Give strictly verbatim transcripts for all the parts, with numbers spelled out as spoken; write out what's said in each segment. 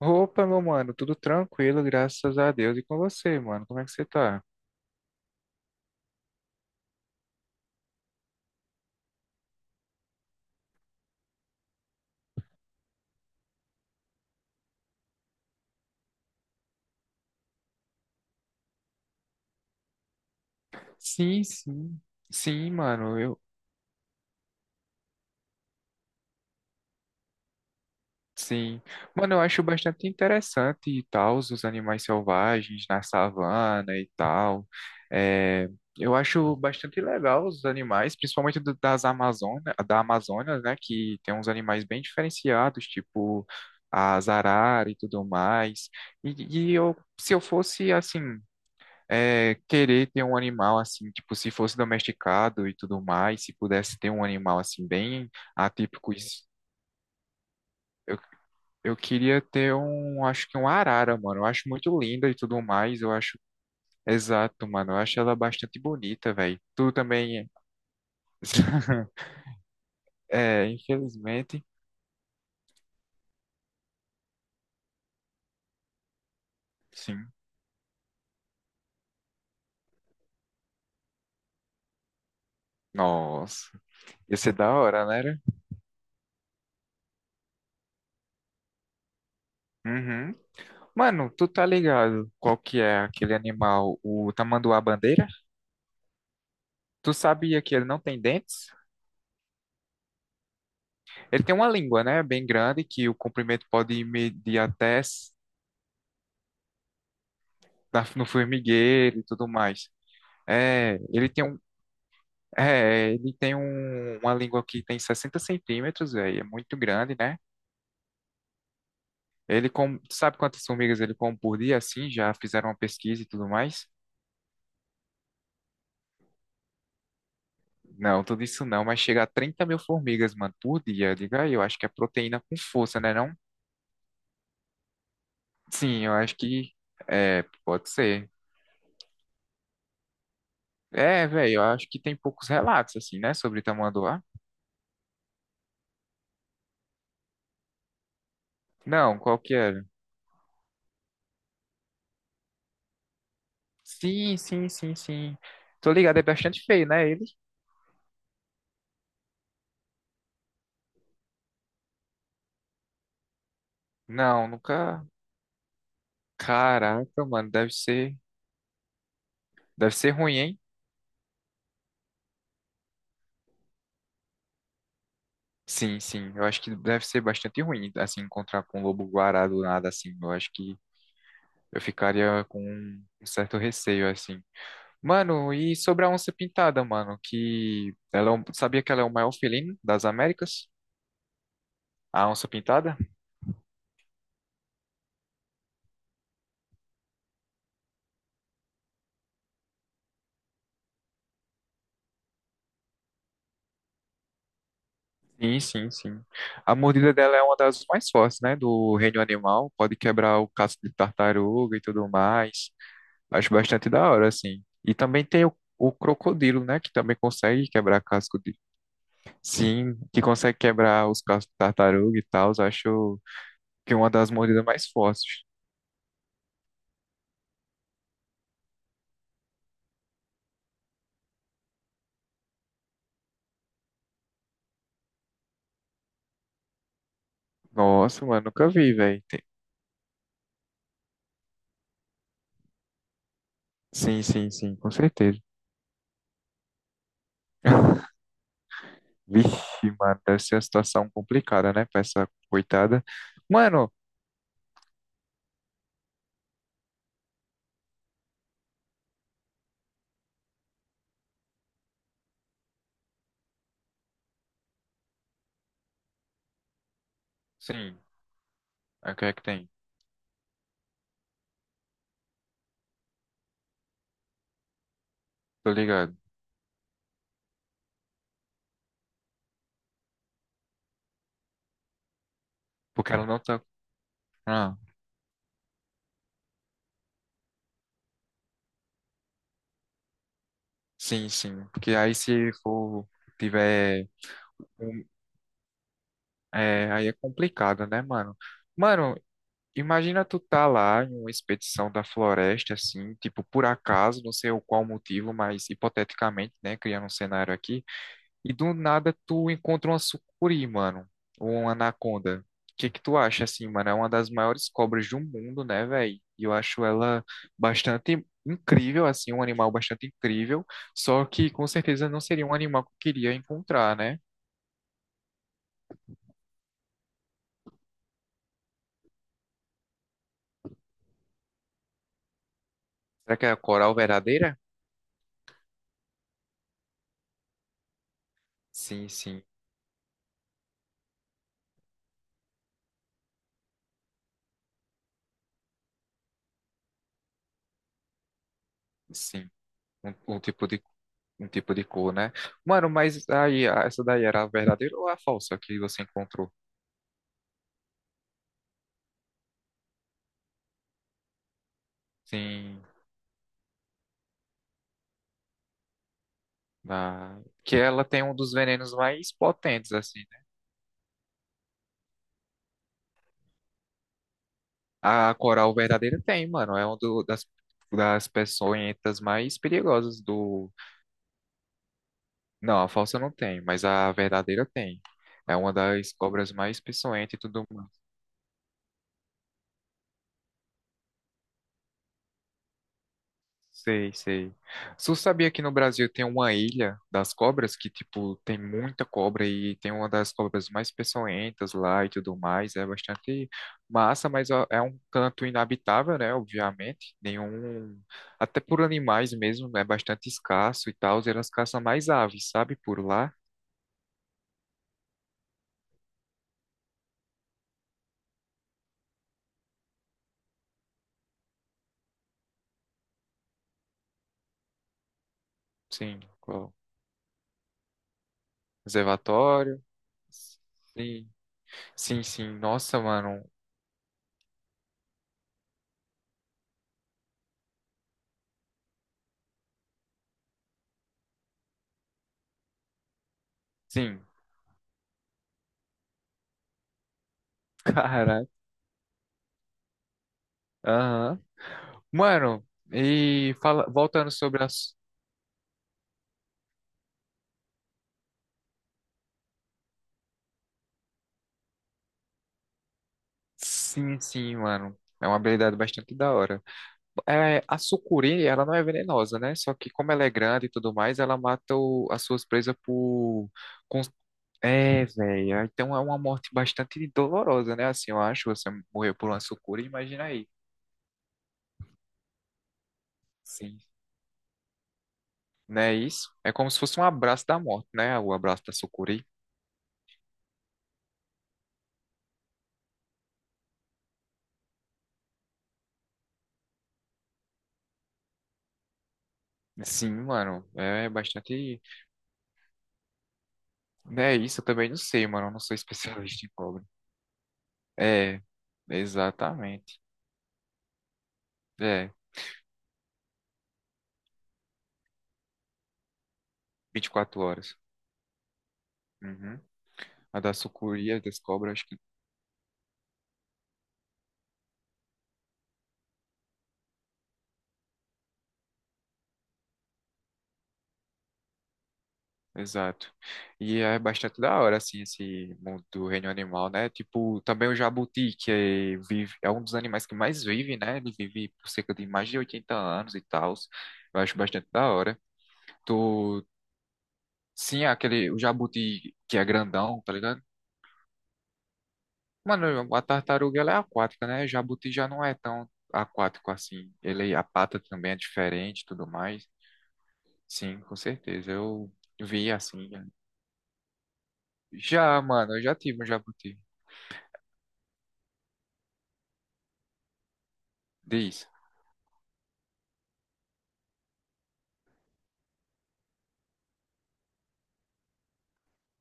Opa, meu mano, tudo tranquilo, graças a Deus. E com você, mano, como é que você tá? Sim, sim. Sim, mano, eu. Sim. Mano, eu acho bastante interessante e tal, os animais selvagens na savana e tal. É, eu acho bastante legal os animais, principalmente do- das Amazônia, da Amazonas, né? Que tem uns animais bem diferenciados, tipo as araras e tudo mais. E, e eu, se eu fosse assim. É, querer ter um animal assim, tipo, se fosse domesticado e tudo mais, se pudesse ter um animal assim, bem atípico, isso- eu, eu queria ter um, acho que um arara, mano. Eu acho muito linda e tudo mais, eu acho, exato, mano. Eu acho ela bastante bonita, velho. Tu também, é, infelizmente, sim. Nossa, ia ser da hora, né? Né? Uhum. Mano, tu tá ligado qual que é aquele animal, o tamanduá-bandeira? Tu sabia que ele não tem dentes? Ele tem uma língua, né? Bem grande, que o comprimento pode medir até s- na- no formigueiro e tudo mais. É, ele tem um, é, ele tem um- uma língua que tem sessenta centímetros, véi, é muito grande, né? Ele com, sabe quantas formigas ele come por dia, assim? Já fizeram uma pesquisa e tudo mais? Não, tudo isso não, mas chega a trinta mil formigas, mano, por dia. Diga aí, eu acho que é proteína com força, né, não? Sim, eu acho que é, pode ser. É, velho, eu acho que tem poucos relatos, assim, né, sobre tamanduá. Não, qual que era? Sim, sim, sim, sim. Tô ligado, é bastante feio, né, ele? Não, nunca. Caraca, mano, deve ser, deve ser ruim, hein? Sim, sim, eu acho que deve ser bastante ruim, assim, encontrar com um lobo-guará do nada, assim. Eu acho que eu ficaria com um um certo receio, assim. Mano, e sobre a onça pintada, mano, que ela é um- sabia que ela é o maior felino das Américas? A onça pintada? Sim, sim, sim. A mordida dela é uma das mais fortes, né? Do reino animal. Pode quebrar o casco de tartaruga e tudo mais. Acho bastante da hora, assim. E também tem o, o crocodilo, né? Que também consegue quebrar casco de. Sim, que consegue quebrar os cascos de tartaruga e tal. Acho que é uma das mordidas mais fortes. Nossa, mano, nunca vi, velho. Sim, sim, sim, com certeza. Vixe, mano, deve ser uma situação complicada, né? Pra essa coitada. Mano, sim, o que é que tem? Tô ligado. Porque ela não tá. Ah, sim, sim. Porque aí se for. Tiver. um- É, aí é complicado, né, mano? Mano, imagina tu tá lá em uma expedição da floresta, assim, tipo, por acaso, não sei o qual motivo, mas hipoteticamente, né, criando um cenário aqui. E do nada tu encontra uma sucuri, mano. Ou uma anaconda. O que que tu acha, assim, mano? É uma das maiores cobras do mundo, né, velho? E eu acho ela bastante incrível, assim, um animal bastante incrível. Só que com certeza não seria um animal que eu queria encontrar, né? Será que é a coral verdadeira? Sim, sim, sim. Um, um tipo de, um tipo de cor, né? Mano, mas aí, a- essa daí era a verdadeira ou a falsa que você encontrou? Sim. Da... Que ela tem um dos venenos mais potentes, assim, né? A coral verdadeira tem, mano. É uma do- das, das peçonhentas mais perigosas do. Não, a falsa não tem, mas a verdadeira tem. É uma das cobras mais peçonhentas e tudo. Sei, sei. Você sabia que no Brasil tem uma ilha das cobras que, tipo, tem muita cobra e tem uma das cobras mais peçonhentas lá e tudo mais. É bastante massa, mas ó, é um canto inabitável, né? Obviamente. Nenhum. Até por animais mesmo, é bastante escasso e tal. E elas caçam mais aves, sabe? Por lá. Sim. Ó, reservatório. Sim. Sim, sim. Nossa, mano. Sim. Caraca. Aham. Mano, e fala- voltando sobre as. Sim, sim, mano. É uma habilidade bastante da hora. É, a sucuri, ela não é venenosa, né? Só que como ela é grande e tudo mais, ela mata o- as suas presas por... Com- é, velho. Então é uma morte bastante dolorosa, né? Assim, eu acho, você morrer por uma sucuri, imagina aí. Sim. Não é isso? É como se fosse um abraço da morte, né? O abraço da sucuri. Sim, mano. É bastante... Não é isso? Eu também não sei, mano. Eu não sou especialista em cobra. É, exatamente. É, vinte e quatro horas. Uhum. A da sucuri, a das cobras, acho que. Exato. E é bastante da hora, assim, esse mundo do reino animal, né? Tipo, também o jabuti, que é, vive, é um dos animais que mais vive, né? Ele vive por cerca de mais de oitenta anos e tal. Eu acho bastante da hora. Tu, sim, aquele, o jabuti que é grandão, tá ligado? Mano, a tartaruga ela é aquática, né? Jabuti já não é tão aquático assim. Ele, a pata também é diferente e tudo mais. Sim, com certeza. Eu vi assim. Né? Já, mano, eu já tive um jabuti. Diz.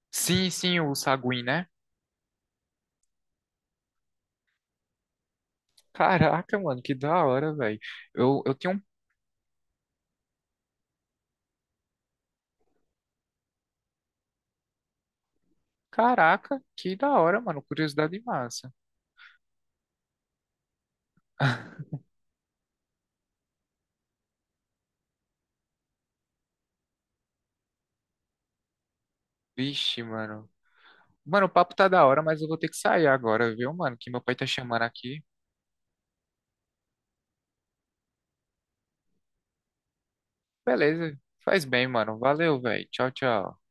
Sim, sim, o saguim, né? Caraca, mano, que da hora, velho. Eu, eu tinha um. Caraca, que da hora, mano. Curiosidade massa. Vixe, mano. Mano, o papo tá da hora, mas eu vou ter que sair agora, viu, mano? Que meu pai tá chamando aqui. Beleza. Faz bem, mano. Valeu, velho. Tchau, tchau.